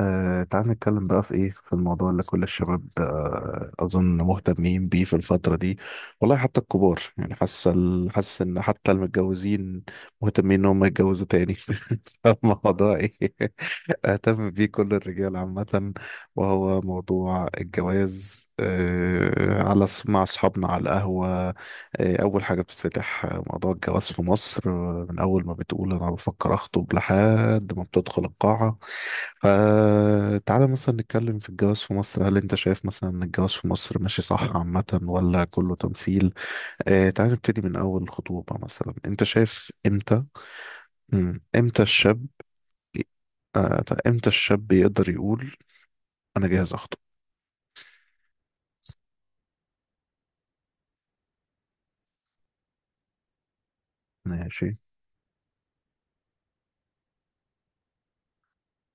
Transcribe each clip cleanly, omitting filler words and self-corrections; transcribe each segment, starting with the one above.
تعال نتكلم بقى في ايه في الموضوع اللي كل الشباب اظن مهتمين بيه في الفترة دي. والله حتى الكبار يعني حاسس حاسس ان حتى المتجوزين مهتمين ان هم يتجوزوا تاني فالموضوع ايه؟ اهتم بيه كل الرجال عامة. وهو موضوع الجواز مع اصحابنا على القهوة. اول حاجة بتتفتح، موضوع الجواز في مصر، من اول ما بتقول انا بفكر اخطب لحد ما بتدخل القاعة. فتعالى مثلا نتكلم في الجواز في مصر. هل انت شايف مثلا ان الجواز في مصر ماشي صح عامة ولا كله تمثيل؟ اه تعالى نبتدي من اول خطوبة، مثلا انت شايف امتى؟ امتى الشاب؟ طيب، امتى الشاب يقدر يقول انا جاهز اخطب؟ ماشي.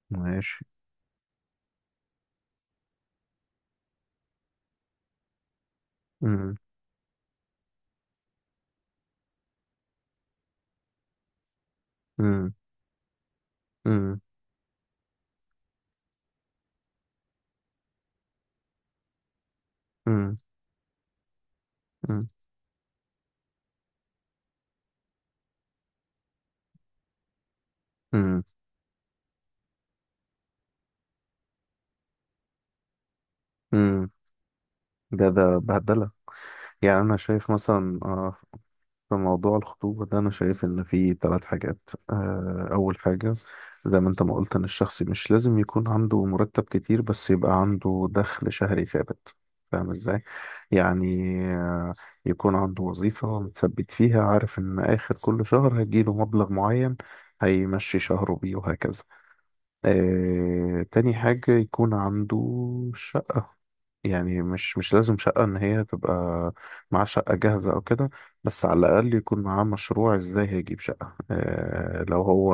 ماشي. مم. مم. مم. مم. مم. مم. مم. ده بهدلة. يعني أنا شايف مثلا، في موضوع الخطوبة ده أنا شايف إن فيه ثلاث حاجات. أول حاجة، زي ما أنت ما قلت، إن الشخص مش لازم يكون عنده مرتب كتير بس يبقى عنده دخل شهري ثابت. فاهم إزاي؟ يعني يكون عنده وظيفة متثبت فيها، عارف إن آخر كل شهر هيجيله مبلغ معين هيمشي شهره بيه وهكذا. تاني حاجة، يكون عنده شقة. يعني مش لازم شقة إن هي تبقى معاه شقة جاهزة أو كده، بس على الأقل يكون معاه مشروع إزاي هيجيب شقة. لو هو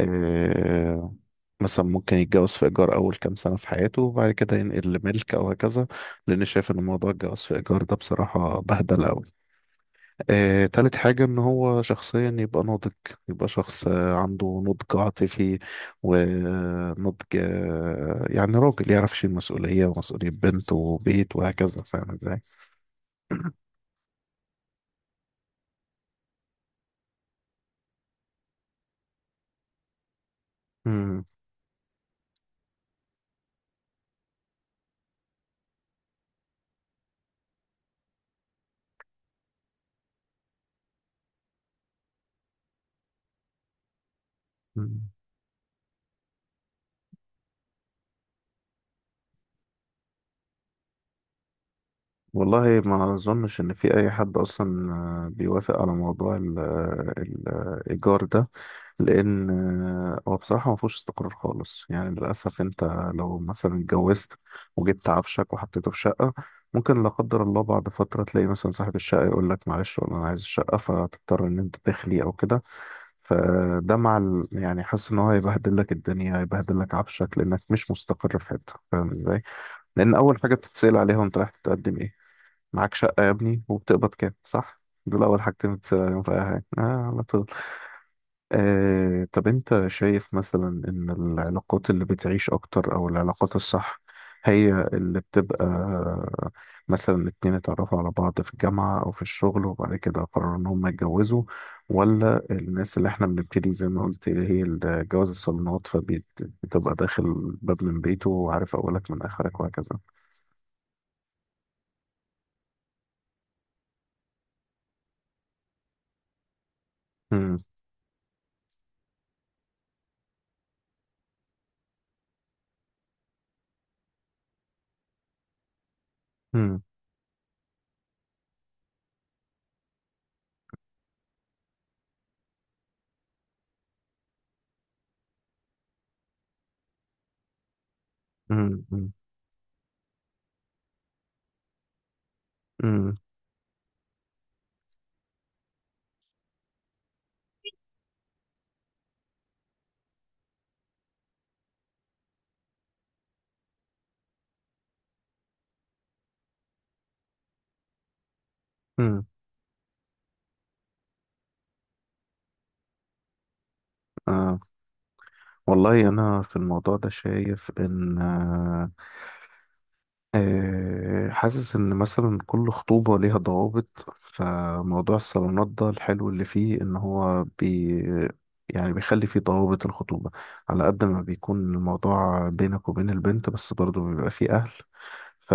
آه، مثلا ممكن يتجوز في إيجار أول كام سنة في حياته وبعد كده ينقل لملك أو هكذا، لأن شايف إن موضوع الجواز في إيجار ده بصراحة بهدلة أوي. تالت حاجة، إن هو شخصيا يبقى ناضج، يبقى شخص عنده نضج عاطفي ونضج، يعني راجل يعرف يشيل مسؤولية، ومسؤولية بنت وبيت وهكذا. فاهم ازاي؟ مم. مم. والله ما اظنش ان في اي حد اصلا بيوافق على موضوع الايجار ده، لان هو بصراحه ما فيهوش استقرار خالص يعني. للاسف انت لو مثلا اتجوزت وجبت عفشك وحطيته في شقه، ممكن لا قدر الله بعد فتره تلاقي مثلا صاحب الشقه يقول لك معلش والله انا عايز الشقه، فتضطر ان انت تخلي او كده. فده يعني حاسس ان هو هيبهدل لك الدنيا، هيبهدل لك عفشك لانك مش مستقر في حته. فاهم ازاي؟ لان اول حاجه بتتسال عليها وانت رايح تقدم إيه؟ معاك شقة يا ابني؟ وبتقبض كام، صح؟ دول أول حاجتين بتسألهم في أي حاجة، على طول. طب أنت شايف مثلا إن العلاقات اللي بتعيش أكتر، أو العلاقات الصح، هي اللي بتبقى مثلا اتنين اتعرفوا على بعض في الجامعة أو في الشغل وبعد كده قرروا إن هم يتجوزوا؟ ولا الناس اللي إحنا بنبتدي زي ما قلت، اللي هي جواز الصالونات، فبتبقى داخل الباب من بيته وعارف أولك من آخرك وهكذا؟ مم. مم. مم. مم. مم. آه والله أنا في الموضوع ده شايف إن، حاسس إن مثلا كل خطوبة ليها ضوابط. فموضوع الصالونات ده الحلو اللي فيه إن هو يعني بيخلي فيه ضوابط الخطوبة، على قد ما بيكون الموضوع بينك وبين البنت بس برضه بيبقى فيه أهل. ف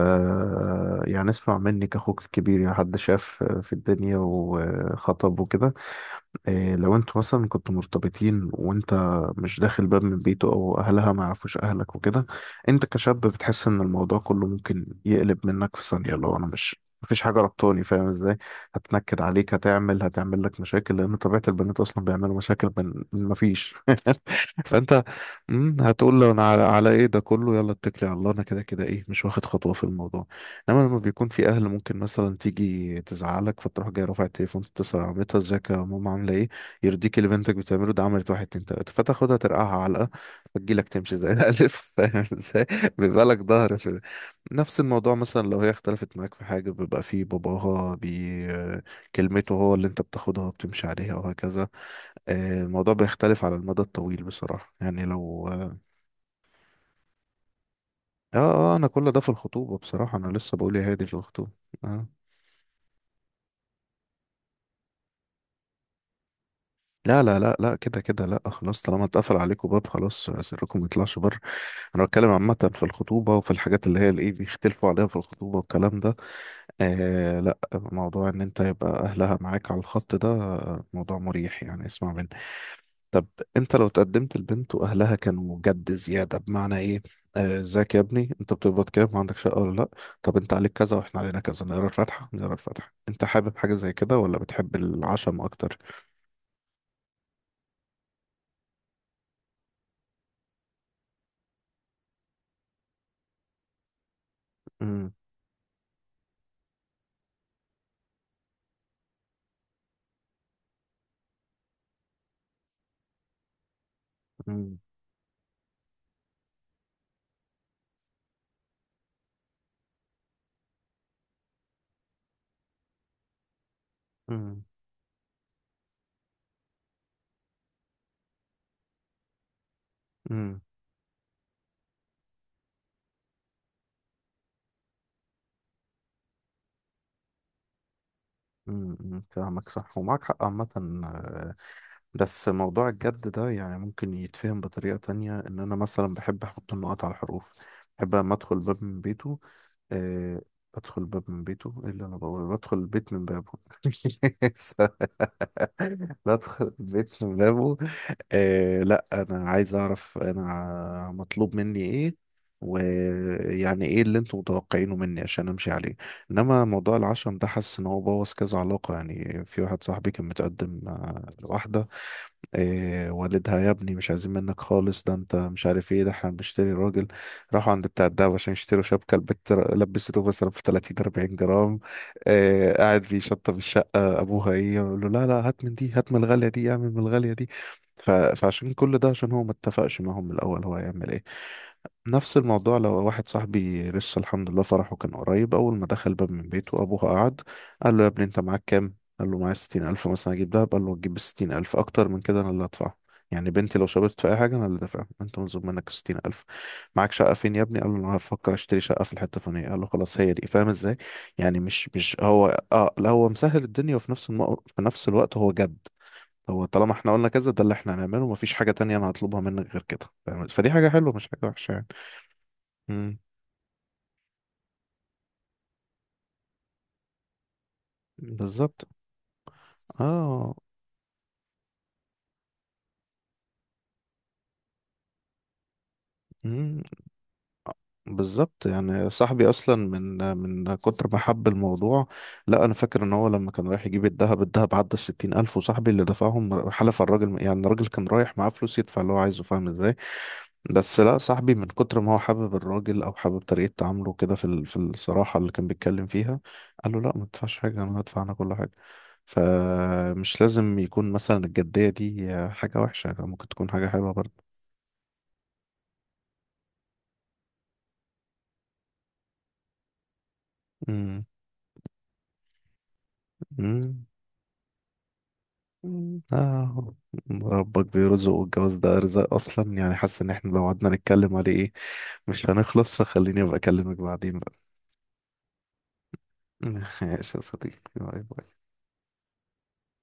يعني اسمع مني كأخوك الكبير، يعني حد شاف في الدنيا وخطب وكده. إيه لو انتوا مثلا كنتوا مرتبطين وانت مش داخل باب من بيته، او اهلها ما يعرفوش اهلك وكده، انت كشاب بتحس ان الموضوع كله ممكن يقلب منك في ثانية لو انا مش مفيش حاجة ربطاني. فاهم ازاي؟ هتنكد عليك، هتعمل لك مشاكل، لان طبيعة البنات اصلا بيعملوا مشاكل من مفيش. فانت هتقول له انا على ايه ده كله؟ يلا اتكلي على الله، انا كده كده ايه مش واخد خطوة في الموضوع. انما لما بيكون في اهل، ممكن مثلا تيجي تزعلك، فتروح جاي رافع التليفون تتصل على مامتها: ازيك يا ماما؟ عامله ايه؟ يرضيك اللي بنتك بتعمله ده؟ عملت واحد اتنين تلاته. فتاخدها ترقعها علقه، فتجيلك تمشي زي الالف. فاهم ازاي؟ بيبقى لك ظهر في نفس الموضوع. مثلا لو هي اختلفت معاك في حاجه بيبقى في باباها، كلمته هو اللي انت بتاخدها وبتمشي عليها وهكذا. الموضوع بيختلف على المدى الطويل بصراحه، يعني لو اه انا كل ده في الخطوبه بصراحه، انا لسه بقول يا هادي في الخطوبه. اه. لا لا لا لا، كده كده لا، خلاص طالما اتقفل عليكم باب خلاص، سركم ما يطلعش بره. انا بتكلم عامة في الخطوبة وفي الحاجات اللي هي الايه بيختلفوا عليها في الخطوبة والكلام ده. لا، موضوع ان انت يبقى اهلها معاك على الخط ده موضوع مريح، يعني اسمع مني. طب انت لو تقدمت لبنت واهلها كانوا جد زيادة، بمعنى ايه؟ ازيك يا ابني؟ انت بتقبض كام؟ وعندك شقه ولا لا؟ طب انت عليك كذا واحنا علينا كذا، نقرا الفاتحه نقرا الفاتحه. انت حابب حاجه زي كده ولا بتحب العشم اكتر؟ امم امم فاهمك صح، ومعاك حق عامة. آه، بس موضوع الجد ده يعني ممكن يتفهم بطريقة تانية، إن أنا مثلا بحب أحط النقط على الحروف، بحب لما أدخل باب من بيته. أه، أدخل باب من بيته، إيه اللي أنا بقوله؟ بدخل البيت من بابه. بدخل البيت من بابه. لا، انا عايز اعرف انا مطلوب مني ايه، ويعني ايه اللي انتم متوقعينه مني عشان امشي عليه. انما موضوع العشم ده حاسس ان هو بوظ كذا علاقة. يعني في واحد صاحبي كان متقدم لواحدة، إيه والدها يا ابني مش عايزين منك خالص، ده انت مش عارف ايه، ده احنا بنشتري راجل. راحوا عند بتاع الدهب عشان يشتروا شبكة البت لبسته مثلا في 30 40 جرام. إيه قاعد بيشطب الشقة، ابوها ايه يقول له لا لا، هات من دي، هات من الغالية دي، اعمل من الغالية دي. فعشان كل ده، عشان هو ما اتفقش معاهم من الاول، هو هيعمل ايه؟ نفس الموضوع لو واحد صاحبي لسه الحمد لله فرحه كان قريب، أول ما دخل باب من بيته أبوه قعد قال له: يا ابني أنت معاك كام؟ قال له معايا 60,000 مثلا أجيب دهب. قال له تجيب 60,000، أكتر من كده أنا اللي هدفعه. يعني بنتي لو شربت في أي حاجة أنا اللي دافعها. أنت مطلوب منك 60,000. معاك شقة فين يا ابني؟ قال له أنا هفكر أشتري شقة في الحتة الفلانية. قال له خلاص هي دي. فاهم إزاي؟ يعني مش هو، لا، هو مسهل الدنيا وفي نفس في نفس الوقت هو جد. هو طالما احنا قلنا كذا، ده اللي احنا هنعمله، مفيش حاجة تانية أنا هطلبها منك غير كده. فاهم؟ فدي حاجة حلوة مش حاجة وحشة يعني. مم. بالظبط. اه. مم. بالظبط. يعني صاحبي اصلا من كتر ما حب الموضوع. لا، انا فاكر ان هو لما كان رايح يجيب الذهب، الذهب عدى الـ60,000، وصاحبي اللي دفعهم، حلف على الراجل. يعني الراجل كان رايح معاه فلوس يدفع اللي هو عايزه. فاهم ازاي؟ بس لا، صاحبي من كتر ما هو حابب الراجل، او حابب طريقه تعامله كده في الصراحه اللي كان بيتكلم فيها، قال له لا ما تدفعش حاجه، انا هدفع انا كل حاجه. فمش لازم يكون مثلا الجديه دي حاجه وحشه، ممكن تكون حاجه حلوه برضه. مم. مم. آه. ربك بيرزق، والجواز ده رزق اصلا. يعني حاسس ان احنا لو قعدنا نتكلم عليه ايه مش هنخلص، فخليني ابقى اكلمك بعدين بقى. ماشي يا صديقي، باي باي.